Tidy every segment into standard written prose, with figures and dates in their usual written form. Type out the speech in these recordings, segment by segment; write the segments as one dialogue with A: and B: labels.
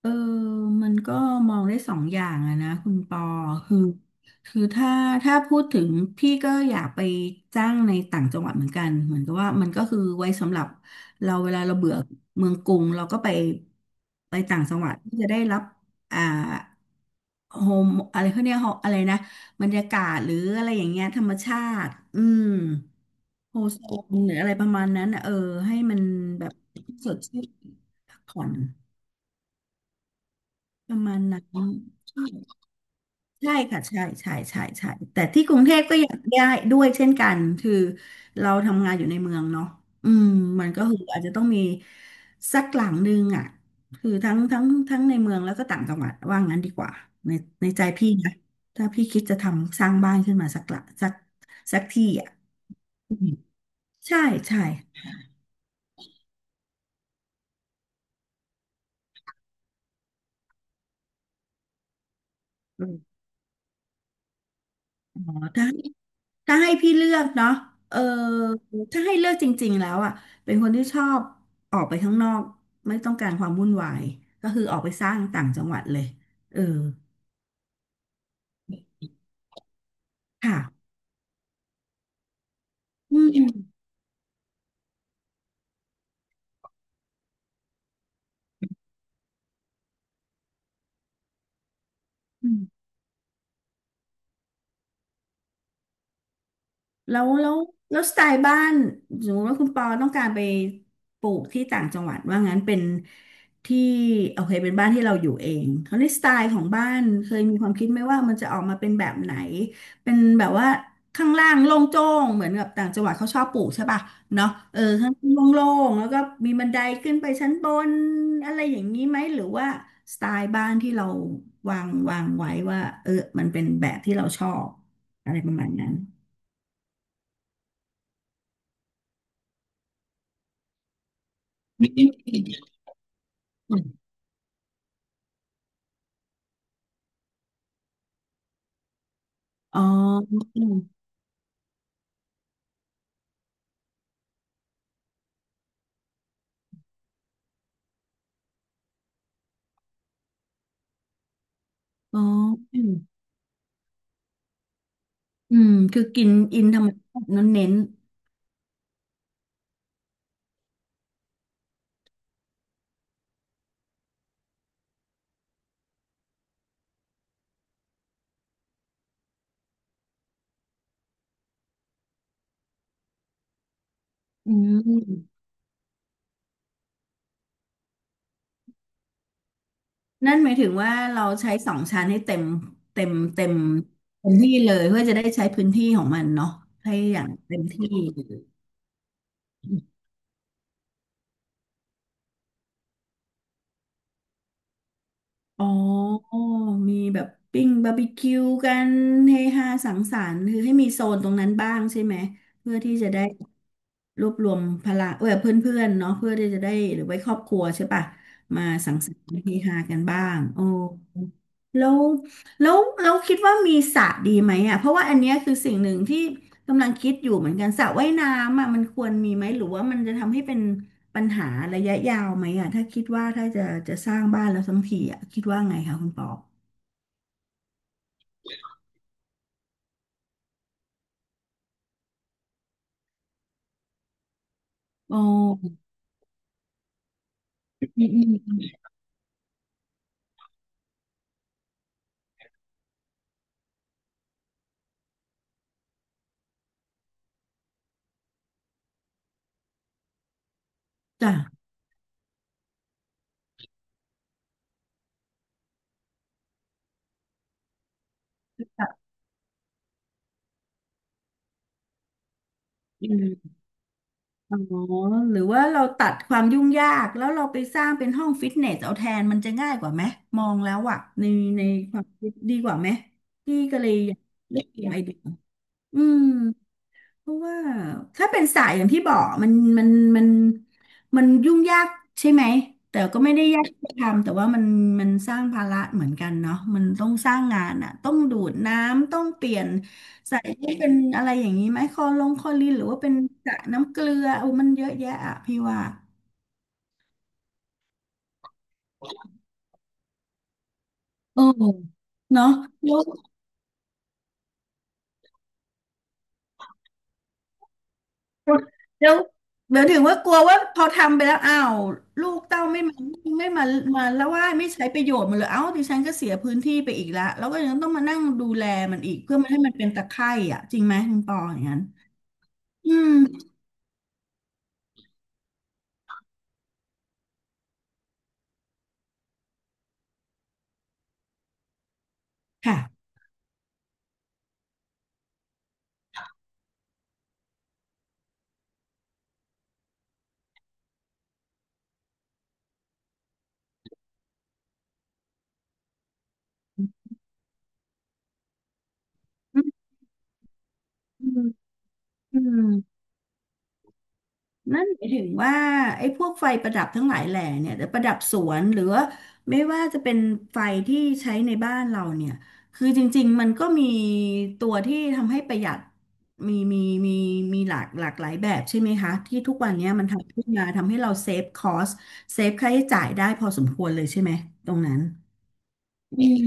A: เออมันก็มองได้สองอย่างอะนะคุณปอคือคือถ้าพูดถึงพี่ก็อยากไปจ้างในต่างจังหวัดเหมือนกันเหมือนกับว่ามันก็คือไว้สำหรับเราเวลาเราเบื่อเมืองกรุงเราก็ไปต่างจังหวัดที่จะได้รับอ่าโฮมอะไรเขาเนี่ยก home อะไรนะบรรยากาศหรืออะไรอย่างเงี้ยธรรมชาติอืมโฮโซนหรืออะไรประมาณนั้นอะให้มันแบบสดชื่นพักผ่อนประมาณนั้น ใช่ค่ะใช่ใช่ใช่ใช่แต่ที่กรุงเทพก็อยากได้ด้วยเช่นกันคือเราทำงานอยู่ในเมืองเนาะอืมมันก็คืออาจจะต้องมีสักหลังนึงอ่ะคือทั้งในเมืองแล้วก็ต่างจังหวัดว่างั้นดีกว่าในในใจพี่นะถ้าพี่คิดจะทำสร้างบ้านขึ้นมาสักหลังสักที่อ่ะอืมใช่ใช่อ๋อถ้า ถ้าให้พี่เลือกเนาะเออถ้าให้เลือกจริงๆแล้วอ่ะ เป็นคนที่ชอบออกไปข้างนอกไม่ต้องการความวุ่นวายก็คือออกไปสร้างต่างจังหวัดเลยเออค่ะอืมอืม แล้วแล้วแล้วสไตล์บ้านสมมติว่าคุณปอต้องการไปปลูกที่ต่างจังหวัดว่างั้นเป็นที่โอเคเป็นบ้านที่เราอยู่เองคราวนี้สไตล์ของบ้านเคยมีความคิดไหมว่ามันจะออกมาเป็นแบบไหนเป็นแบบว่าข้างล่างโล่งโจ้งเหมือนกับต่างจังหวัดเขาชอบปลูกใช่ป่ะเนาะเออข้างล่างโล่งๆแล้วก็มีบันไดขึ้นไปชั้นบนอะไรอย่างนี้ไหมหรือว่าสไตล์บ้านที่เราวางไว้ว่าเออมันเป็นแบบที่เราชอบอะไรประมาณนั้น อ๋ออ๋ออืมอืมคือกินอินธรรมชาตินั้นเน้นๆอืมนั่นหมายถึงว่าเราใช้สองชั้นให้เต็มเต็มที่เลยเพื่อจะได้ใช้พื้นที่ของมันเนาะให้อย่างเต็มที่ อ๋อมีแบบปิ้งบาร์บีคิวกันเฮฮาสังสรรค์คือให้มีโซนตรงนั้นบ้างใช่ไหมเพื่อที่จะได้รวบรวมพลังเออเพื่อนๆเนาะเพื่อที่จะได้หรือไว้ครอบครัวใช่ปะมาสังสรรค์เฮฮากันบ้างโอ้แล้วแล้วคิดว่ามีสระดีไหมอ่ะเพราะว่าอันเนี้ยคือสิ่งหนึ่งที่กำลังคิดอยู่เหมือนกันสระว่ายน้ำอ่ะมันควรมีไหมหรือว่ามันจะทำให้เป็น ปัญหาระยะยาวไหมอ่ะถ้าคิดว่าถ้าจะสร้างบ้านแล้วทั้งทีอ่ะคิดว่าไงคะคุณปอโอ๋อืมอืมจ้ะจ้ะอืมอ๋อหรือว่าเราตัดความยุ่งยากแล้วเราไปสร้างเป็นห้องฟิตเนสเอาแทนมันจะง่ายกว่าไหมมองแล้วอ่ะในความคิดดีกว่าไหมพี่ก็เลยอยากได้ไอเดียอืม เพราะว่าถ้าเป็นสายอย่างที่บอกมันมันมันยุ่งยากใช่ไหมแต่ก็ไม่ได้ยากที่จะทำแต่ว่ามันสร้างภาระเหมือนกันเนาะมันต้องสร้างงานอ่ะต้องดูดน้ำต้องเปลี่ยนใส่ให้เป็นอะไรอย่างนี้ไหมคอลงคอลินหรือว่าเป็นสระน้ำเกลือโอ้มันเยอะแยะอ่ะพี่ว่าเออเนาะแล้ว แล้วเดี๋ยวถึงว่ากลัวว่าพอทำไปแล้วอ้าวลูกเต้าไม่มาไม่มามาแล้วว่าไม่ใช้ประโยชน์มันเลยเอ้าดิฉันก็เสียพื้นที่ไปอีกละแล้วก็ยังต้องมานั่งดูแลมันอีกเพื่อไม่ให้มันเป็นตะไคร่อ่ะจริงไหมคุณปออย่างนั้นอืมค่ะอืมอืม นั่นหมายถึงว่าไอ้พวกไฟประดับทั้งหลายแหล่เนี่ยแต่ประดับสวนหรือว่าไม่ว่าจะเป็นไฟที่ใช้ในบ้านเราเนี่ยคือจริงๆมันก็มีตัวที่ทำให้ประหยัดมีมีมีมีหลากหลากหลายแบบใช่ไหมคะที่ทุกวันเนี้ยมันทำขึ้นมาทำให้เราเซฟคอสเซฟค่าใช้จ่ายได้พอสมควรเลยใช่ไหมตรงนั้น อืม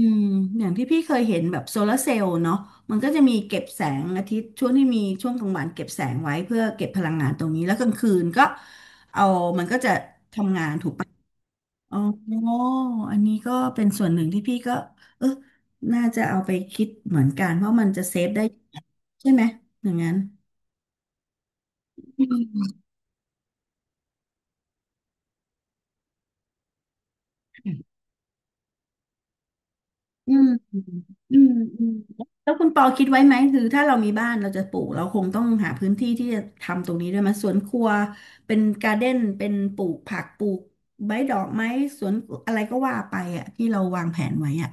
A: อย่างที่พี่เคยเห็นแบบโซลาร์เซลล์เนาะมันก็จะมีเก็บแสงอาทิตย์ช่วงที่มีช่วงกลางวันเก็บแสงไว้เพื่อเก็บพลังงานตรงนี้แล้วกลางคืนก็เอามันก็จะทำงานถูกอ๋ออันนี้ก็เป็นส่วนหนึ่งที่พี่ก็เออน่าจะเอาไปคิดเหมือนกันเพราะมันจะเซฟได้ใช่ไหมอย่างนั้น อืมอืมอืมแล้วคุณปอคิดไว้ไหมคือถ้าเรามีบ้านเราจะปลูกเราคงต้องหาพื้นที่ที่จะทำตรงนี้ด้วยไหมสวนครัวเป็นการ์เด้นเป็นปลูกผักปลูกใบดอกไม้สวนอะไรก็ว่าไปอ่ะที่เราวางแผนไว้อ่ะ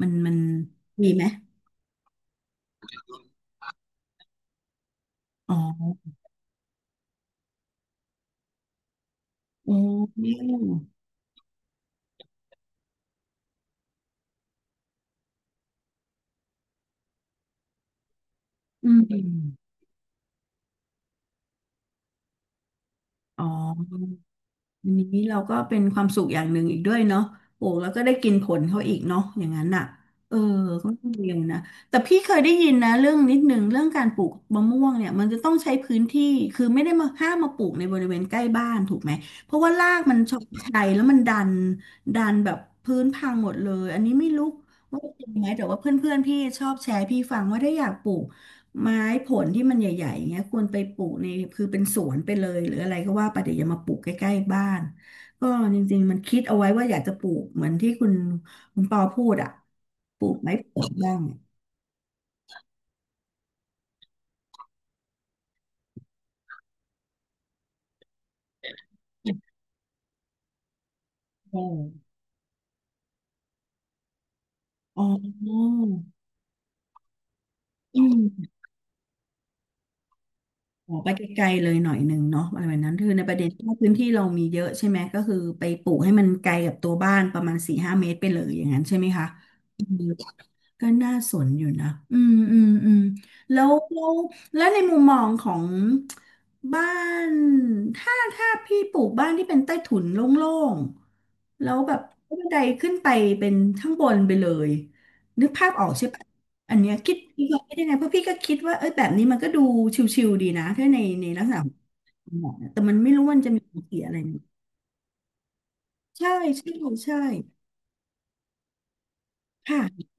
A: มันมีไหมอ๋ออ๋ออืมอ๋อ อันนี้เราก็เป็นความสุขอย่างหนึ่งอีกด้วยเนาะโอ้แล้วก็ได้กินผลเขาอีกเนาะอย่างนั้นอ่ะเออก็ต้องเรยวนะแต่พี่เคยได้ยินนะเรื่องนิดหนึ่งเรื่องการปลูกมะม่วงเนี่ยมันจะต้องใช้พื้นที่คือไม่ได้มาห้ามมาปลูกในบริเวณใกล้บ้านถูกไหมเพราะว่ารากมันชอบชัยแล้วมันดันดันแบบพื้นพังหมดเลยอันนี้ไม่รู้ว่าจริงไหมแต่ว่าเพื่อนๆพี่ชอบแชร์ให้พี่ฟังว่าถ้าอยากปลูก ไม้ผลที่มันใหญ่ๆอย่างเงี้ยควรไปปลูกในคือเป็นสวนไปเลยหรืออะไรก็ว่าไปแต่อย่ามาปลูกใกล้ๆบ้านก็จริงๆมันคิดเอาไว้ว่าอยากจะปลูกเหมือนที่คุณปอพูดอ่ะปลูกไม้ผลบ้างโออ๋ออืมขอไปไกลๆเลยหน่อยหนึ่งเนาะอะไรแบบนั้นคือในประเด็นที่ว่าพื้นที่เรามีเยอะใช่ไหมก็คือไปปลูกให้มันไกลกับตัวบ้านประมาณสี่ห้าเมตรไปเลยอย่างนั้นใช่ไหมคะอืม ก็น่าสนอยู่นะอืมอืมอืมแล้วแล้วในมุมมองของบ้าน ถ้าพี่ปลูกบ้านที่เป็นใต้ถุนโล่งๆ แล้วแบบบันไดขึ้นไปเป็นข้างบนไปเลยนึกภาพออกใช่ปะอันเนี้ยคิดพี่ก็คิดยังไงเพราะพี่ก็คิดว่าเอ้ยแบบนี้มันก็ดูชิวๆดีนะถ้าในลักษณะของหมอนะแต่มันไม่รู้ว่ามันจะมีผลเสียอะไรไหมใช่ใช่ใช่ค่ะ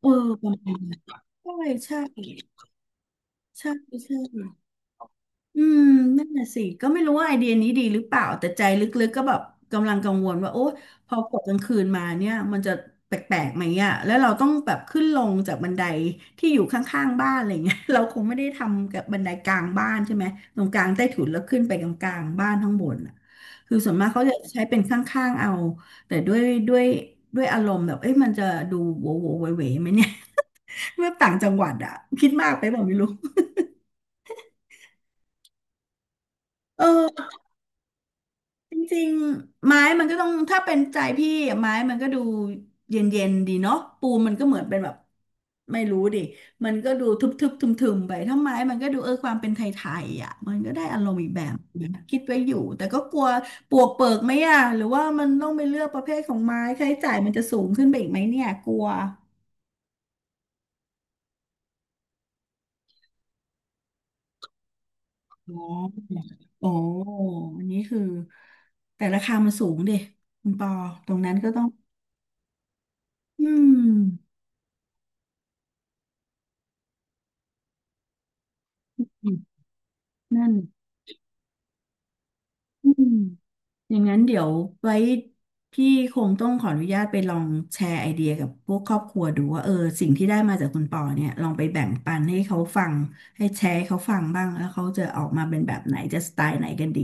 A: เออประมาณนั้นใช่ใช่ ใช่ใช่อืมนั่นแหละสิก็ไม่รู้ว่าไอเดียนี้ดีหรือเปล่า แต่ใจลึกๆก็แบบกำลังกังวลว่าโอ๊ยพอกดกลางคืนมาเนี่ยมันจะแปลกๆไหมอ่ะแล้วเราต้องแบบขึ้นลงจากบันไดที่อยู่ข้างๆบ้านอะไรเงี้ย เราคงไม่ได้ทำกับบันไดกลางบ้านใช่ไหมตรงกลางใต้ถุนแล้วขึ้นไปกลางๆบ้านข้างบนอ่ะคือส่วนมากเขาจะใช้เป็นข้างๆเอาแต่ด้วยด้วยอารมณ์แบบเอ้ยมันจะดูโวโวเวเวไหมเนี่ย เมื่อต่างจังหวัดอ่ะคิดมากไปบอกไม่รู้เออ จริงๆไม้มันก็ต้องถ้าเป็นใจพี่อะไม้มันก็ดูเย็นๆดีเนาะปูนมันก็เหมือนเป็นแบบไม่รู้ดิมันก็ดูทึบๆทึมๆไปถ้าไม้มันก็ดูเออความเป็นไทยๆอ่ะมันก็ได้อารมณ์อีกแบบนะคิดไว้อยู่แต่ก็กลัวปวกเปิกไหมอ่ะหรือว่ามันต้องไปเลือกประเภทของไม้ค่าใช้จ่ายมันจะสูงขึ้นไปอีกไหมเนี่ยกลัวอ๋อโอ้อันนี้คือแต่ราคามันสูงดิคุณปอตรงนั้นก็ต้องอืมนั่นอืม อย่างนั้นเดี๋ยวไว้พี่คงต้องขออนุญาตไปลองแชร์ไอเดียกับพวกครอบครัวดูว่าเออสิ่งที่ได้มาจากคุณปอเนี่ยลองไปแบ่งปันให้เขาฟังให้แชร์ให้เขาฟังบ้างแล้วเขาจะออกมาเป็นแบบไหนจะสไตล์ไหนกันดี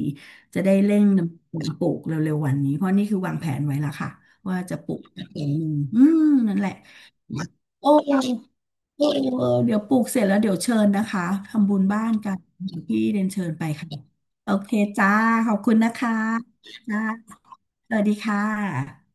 A: จะได้เร่งดำเนินการปลูกเร็วๆวันนี้เพราะนี่คือวางแผนไว้แล้วค่ะว่าจะปลูกแบบนี้อืมนั่นแหละโอ้ เออเดี๋ยวปลูกเสร็จแล้วเดี๋ยวเชิญนะคะทำบุญบ้านกันอย่างที่เรียนเชิญไปค่ะโอเคจ้าขอบคุณนะคะจ้าสวัสดีค่ะ